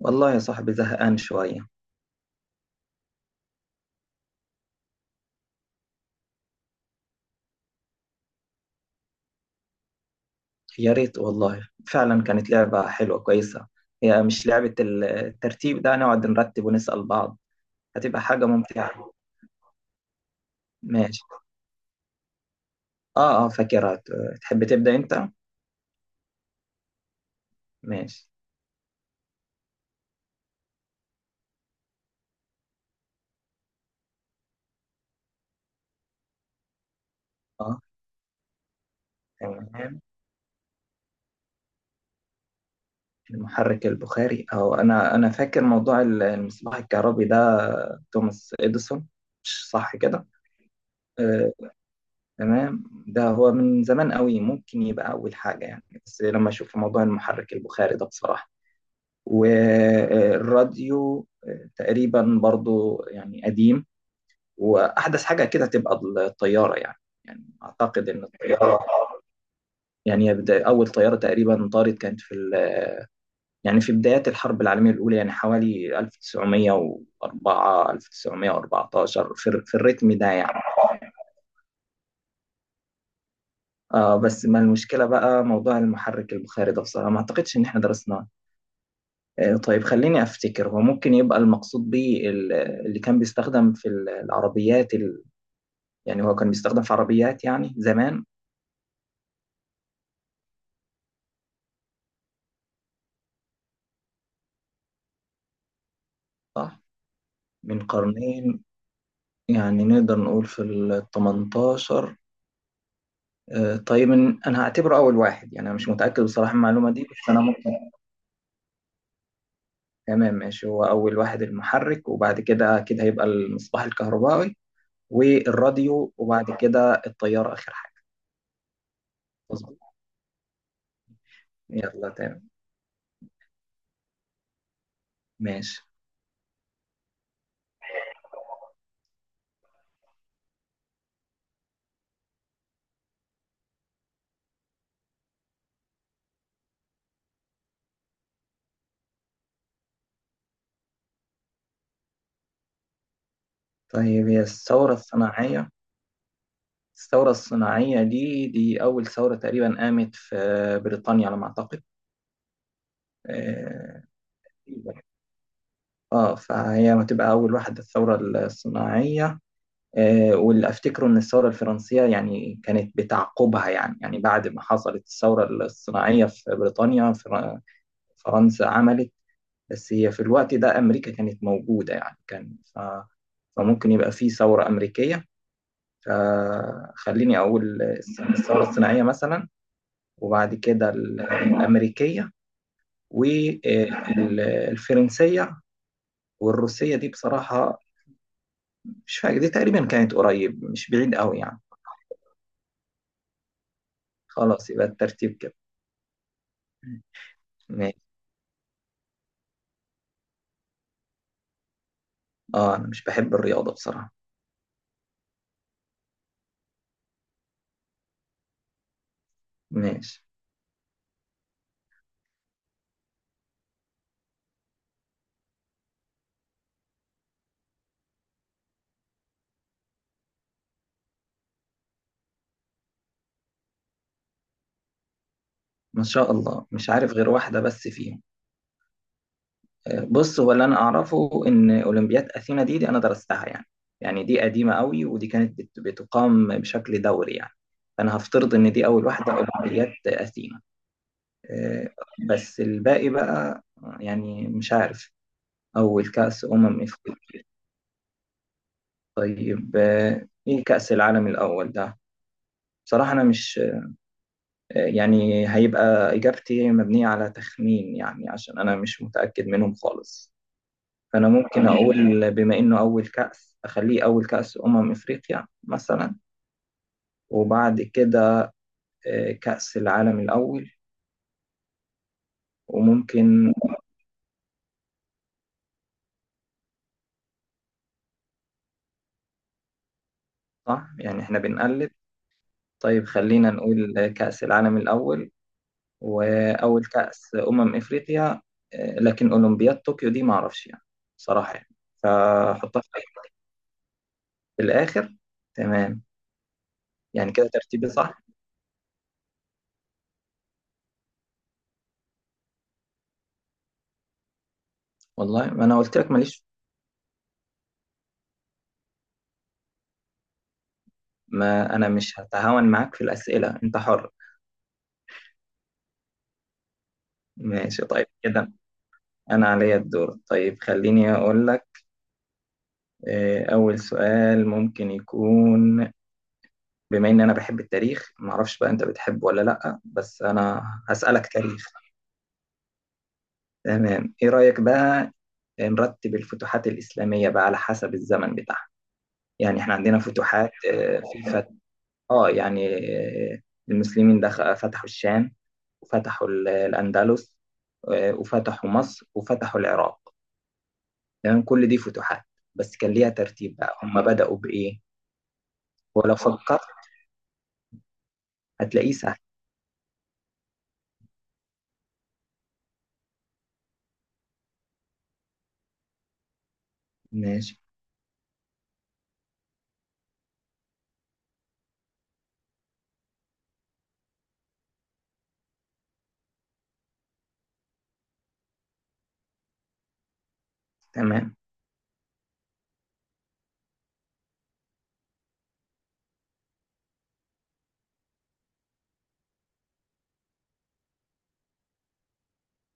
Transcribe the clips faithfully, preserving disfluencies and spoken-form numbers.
والله يا صاحبي، زهقان شوية. يا ريت والله، فعلا كانت لعبة حلوة كويسة. هي مش لعبة ال- الترتيب ده، نقعد نرتب ونسأل بعض. هتبقى حاجة ممتعة. ماشي. اه اه، فاكرها. ت- تحب تبدأ انت؟ ماشي. اه. تمام. المحرك البخاري اهو. انا انا فاكر موضوع ال- المصباح الكهربي ده، توماس اديسون. مش صح كده؟ آه، تمام، ده هو من زمان قوي، ممكن يبقى اول حاجة يعني. بس لما اشوف موضوع المحرك البخاري ده بصراحة والراديو، آه، تقريبا برضو يعني قديم. واحدث حاجه كده تبقى الطياره يعني. يعني اعتقد ان الطياره، يعني بدا- اول طياره تقريبا طارت كانت في ال- يعني في بدايات الحرب العالميه الاولى، يعني حوالي ألف وتسعمية واربعة ألف وتسعمية واربعتاشر، في, ال- في الريتم ده يعني. آه، بس ما المشكله بقى، موضوع المحرك البخاري ده بصراحه ما اعتقدش ان احنا درسناه. آه، طيب خليني افتكر، هو ممكن يبقى المقصود بيه ال- اللي كان بيستخدم في ال- العربيات، يعني هو كان بيستخدم في عربيات يعني زمان. صح، من قرنين. يعني نقدر نقول في ال التمنتاشر. آه، طيب، إن- انا هعتبره اول واحد يعني، انا مش متاكد بصراحه من المعلومه دي، بس انا ممكن. تمام ماشي، هو اول واحد المحرك، وبعد كده كده هيبقى المصباح الكهربائي والراديو، وبعد كده الطياره اخر حاجه. مظبوط. يلا تمام. ماشي. طيب، هي الثوره الصناعيه. الثوره الصناعيه دي دي اول ثوره تقريبا، قامت في بريطانيا على ما اعتقد. آه، اه، فهي هتبقى أول واحدة، الثورة الصناعية. آه، واللي أفتكره إن الثورة الفرنسية يعني كانت بتعقبها، يعني يعني بعد ما حصلت الثورة الصناعية في بريطانيا، فر- فرنسا عملت. بس هي في الوقت ده أمريكا كانت موجودة، يعني كان ف فممكن يبقى في ثورة أمريكية. فخليني أقول الس- الثورة الصناعية مثلا، وبعد كده ال- الأمريكية والفرنسية، والروسية دي بصراحة مش فاكر، دي تقريبا كانت قريب، مش بعيد قوي يعني. خلاص يبقى الترتيب كده. ماشي. اه، انا مش بحب الرياضة بصراحة. ماشي. ما شاء الله، مش عارف غير واحدة بس فيهم. آه، بص، هو اللي انا اعرفه ان اولمبياد اثينا دي, دي انا درستها يعني، يعني دي قديمة قوي، ودي كانت بت- بتقام بشكل دوري يعني، فانا هفترض ان دي اول واحدة، اولمبياد اثينا. آه، بس الباقي بقى، آه، يعني مش عارف، اول كأس امم افريقيا. طيب، آه، ايه كأس العالم الاول ده؟ بصراحة أنا مش، يعني هيبقى إجابتي مبنية على تخمين، يعني عشان أنا مش متأكد منهم خالص. فأنا ممكن أقول، بما إنه أول كأس، أخليه أول كأس أمم إفريقيا مثلا، وبعد كده آه، كأس العالم الأول. وممكن. صح، يعني إحنا بنقلب. طيب خلينا نقول كأس العالم الأول، وأول كأس أمم إفريقيا. آه، لكن أولمبياد طوكيو دي معرفش يعني، بصراحة يعني، فحطها في الآخر. تمام. يعني كده ترتيبي صح؟ والله، ما انا قلت لك ماليش. ما انا مش هتهاون معاك في الاسئله، انت حر. ماشي طيب كده، انا عليا الدور. طيب خليني اقول لك. آه، اول سؤال ممكن يكون، بما ان انا بحب التاريخ، ما اعرفش بقى انت بتحبه ولا لا، بس انا هسالك تاريخ. تمام، ايه رايك بقى نرتب الفتوحات الاسلاميه بقى على حسب الزمن بتاعها؟ يعني احنا عندنا فتوحات آه، في، اه يعني آه، المسلمين دخل فتحوا الشام، وفتحوا ال- الأندلس، آه، وفتحوا مصر، وفتحوا العراق، يعني كل دي فتوحات، بس كان ليها ترتيب بقى، هم بدأوا بإيه؟ ولو فكرت هتلاقيه سهل. ماشي تمام.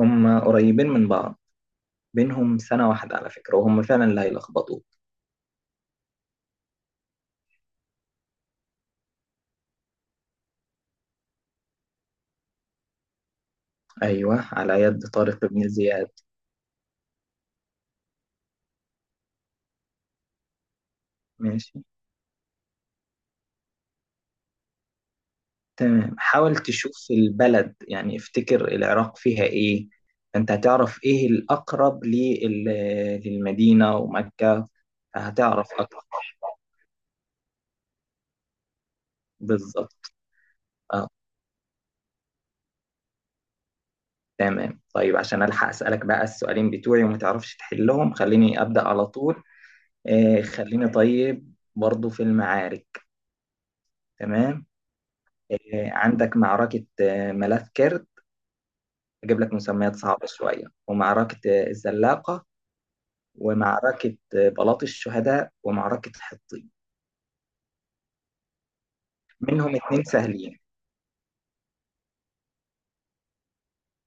هم قريبين من بعض، بينهم سنة واحدة على فكرة، وهم فعلا اللي هيلخبطوك. أيوه، على يد طارق بن زياد. ماشي تمام، حاول تشوف البلد، يعني افتكر العراق فيها ايه، انت هتعرف ايه الاقرب لل- للمدينة ومكة، هتعرف اكتر. بالظبط اه. تمام، طيب عشان الحق اسالك بقى السؤالين بتوعي وما تعرفش تحلهم، خليني ابدا على طول. آه خليني طيب برضو في المعارك. تمام. آه عندك معركة آه ملاذ كرد، اجيب لك مسميات صعبة شوية، ومعركة آه الزلاقة، ومعركة آه بلاط الشهداء، ومعركة حطين. منهم اتنين سهلين.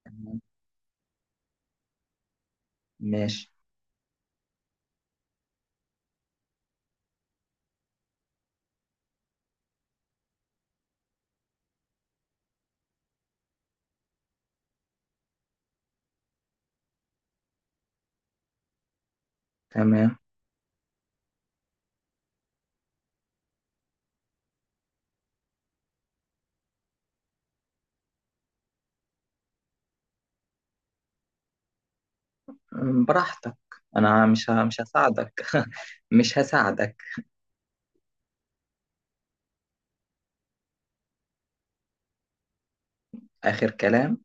تمام. ماشي. تمام. أم، براحتك. انا مش ه- مش هساعدك. مش هساعدك. اخر كلام.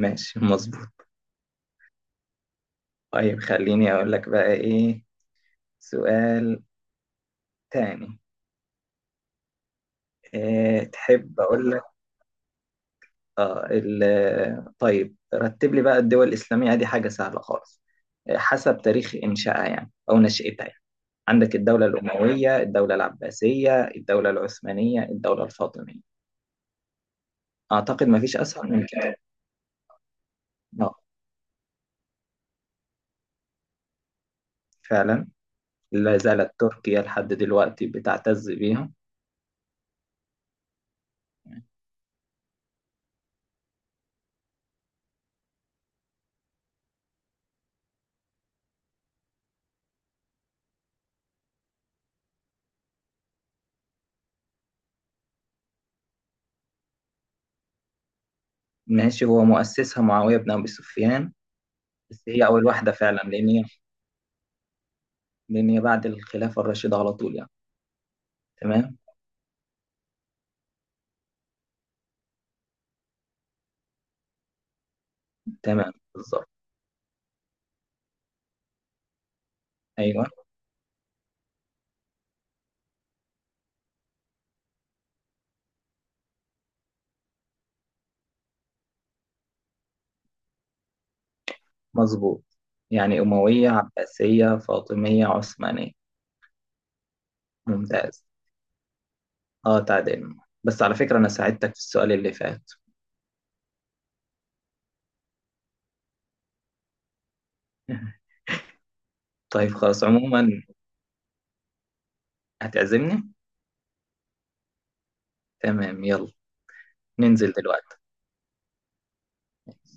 ماشي مظبوط. طيب خليني اقول لك بقى ايه سؤال تاني، إيه تحب اقول لك؟ اه ال- طيب رتب لي بقى الدول الاسلامية، آه، دي حاجة سهلة خالص، إيه، حسب تاريخ انشائها يعني او نشأتها يعني. عندك الدولة الأموية، الدولة العباسية، الدولة العثمانية، الدولة الفاطمية. أعتقد ما فيش أسهل من كده. آه، فعلا. لا زالت تركيا لحد دلوقتي بتعتز بيها. ماشي، هو مؤسسها معاوية بن أبي سفيان. بس هي أول واحدة فعلا، لأن هي لأن هي بعد الخلافة الراشدة على طول يعني. تمام. تمام بالظبط. أيوه. مظبوط. يعني أموية، عباسية، فاطمية، عثمانية. ممتاز. أه، تعادلنا. بس على فكرة أنا ساعدتك في السؤال اللي فات. طيب خلاص، عموما هتعزمني. تمام يلا، ننزل دلوقتي.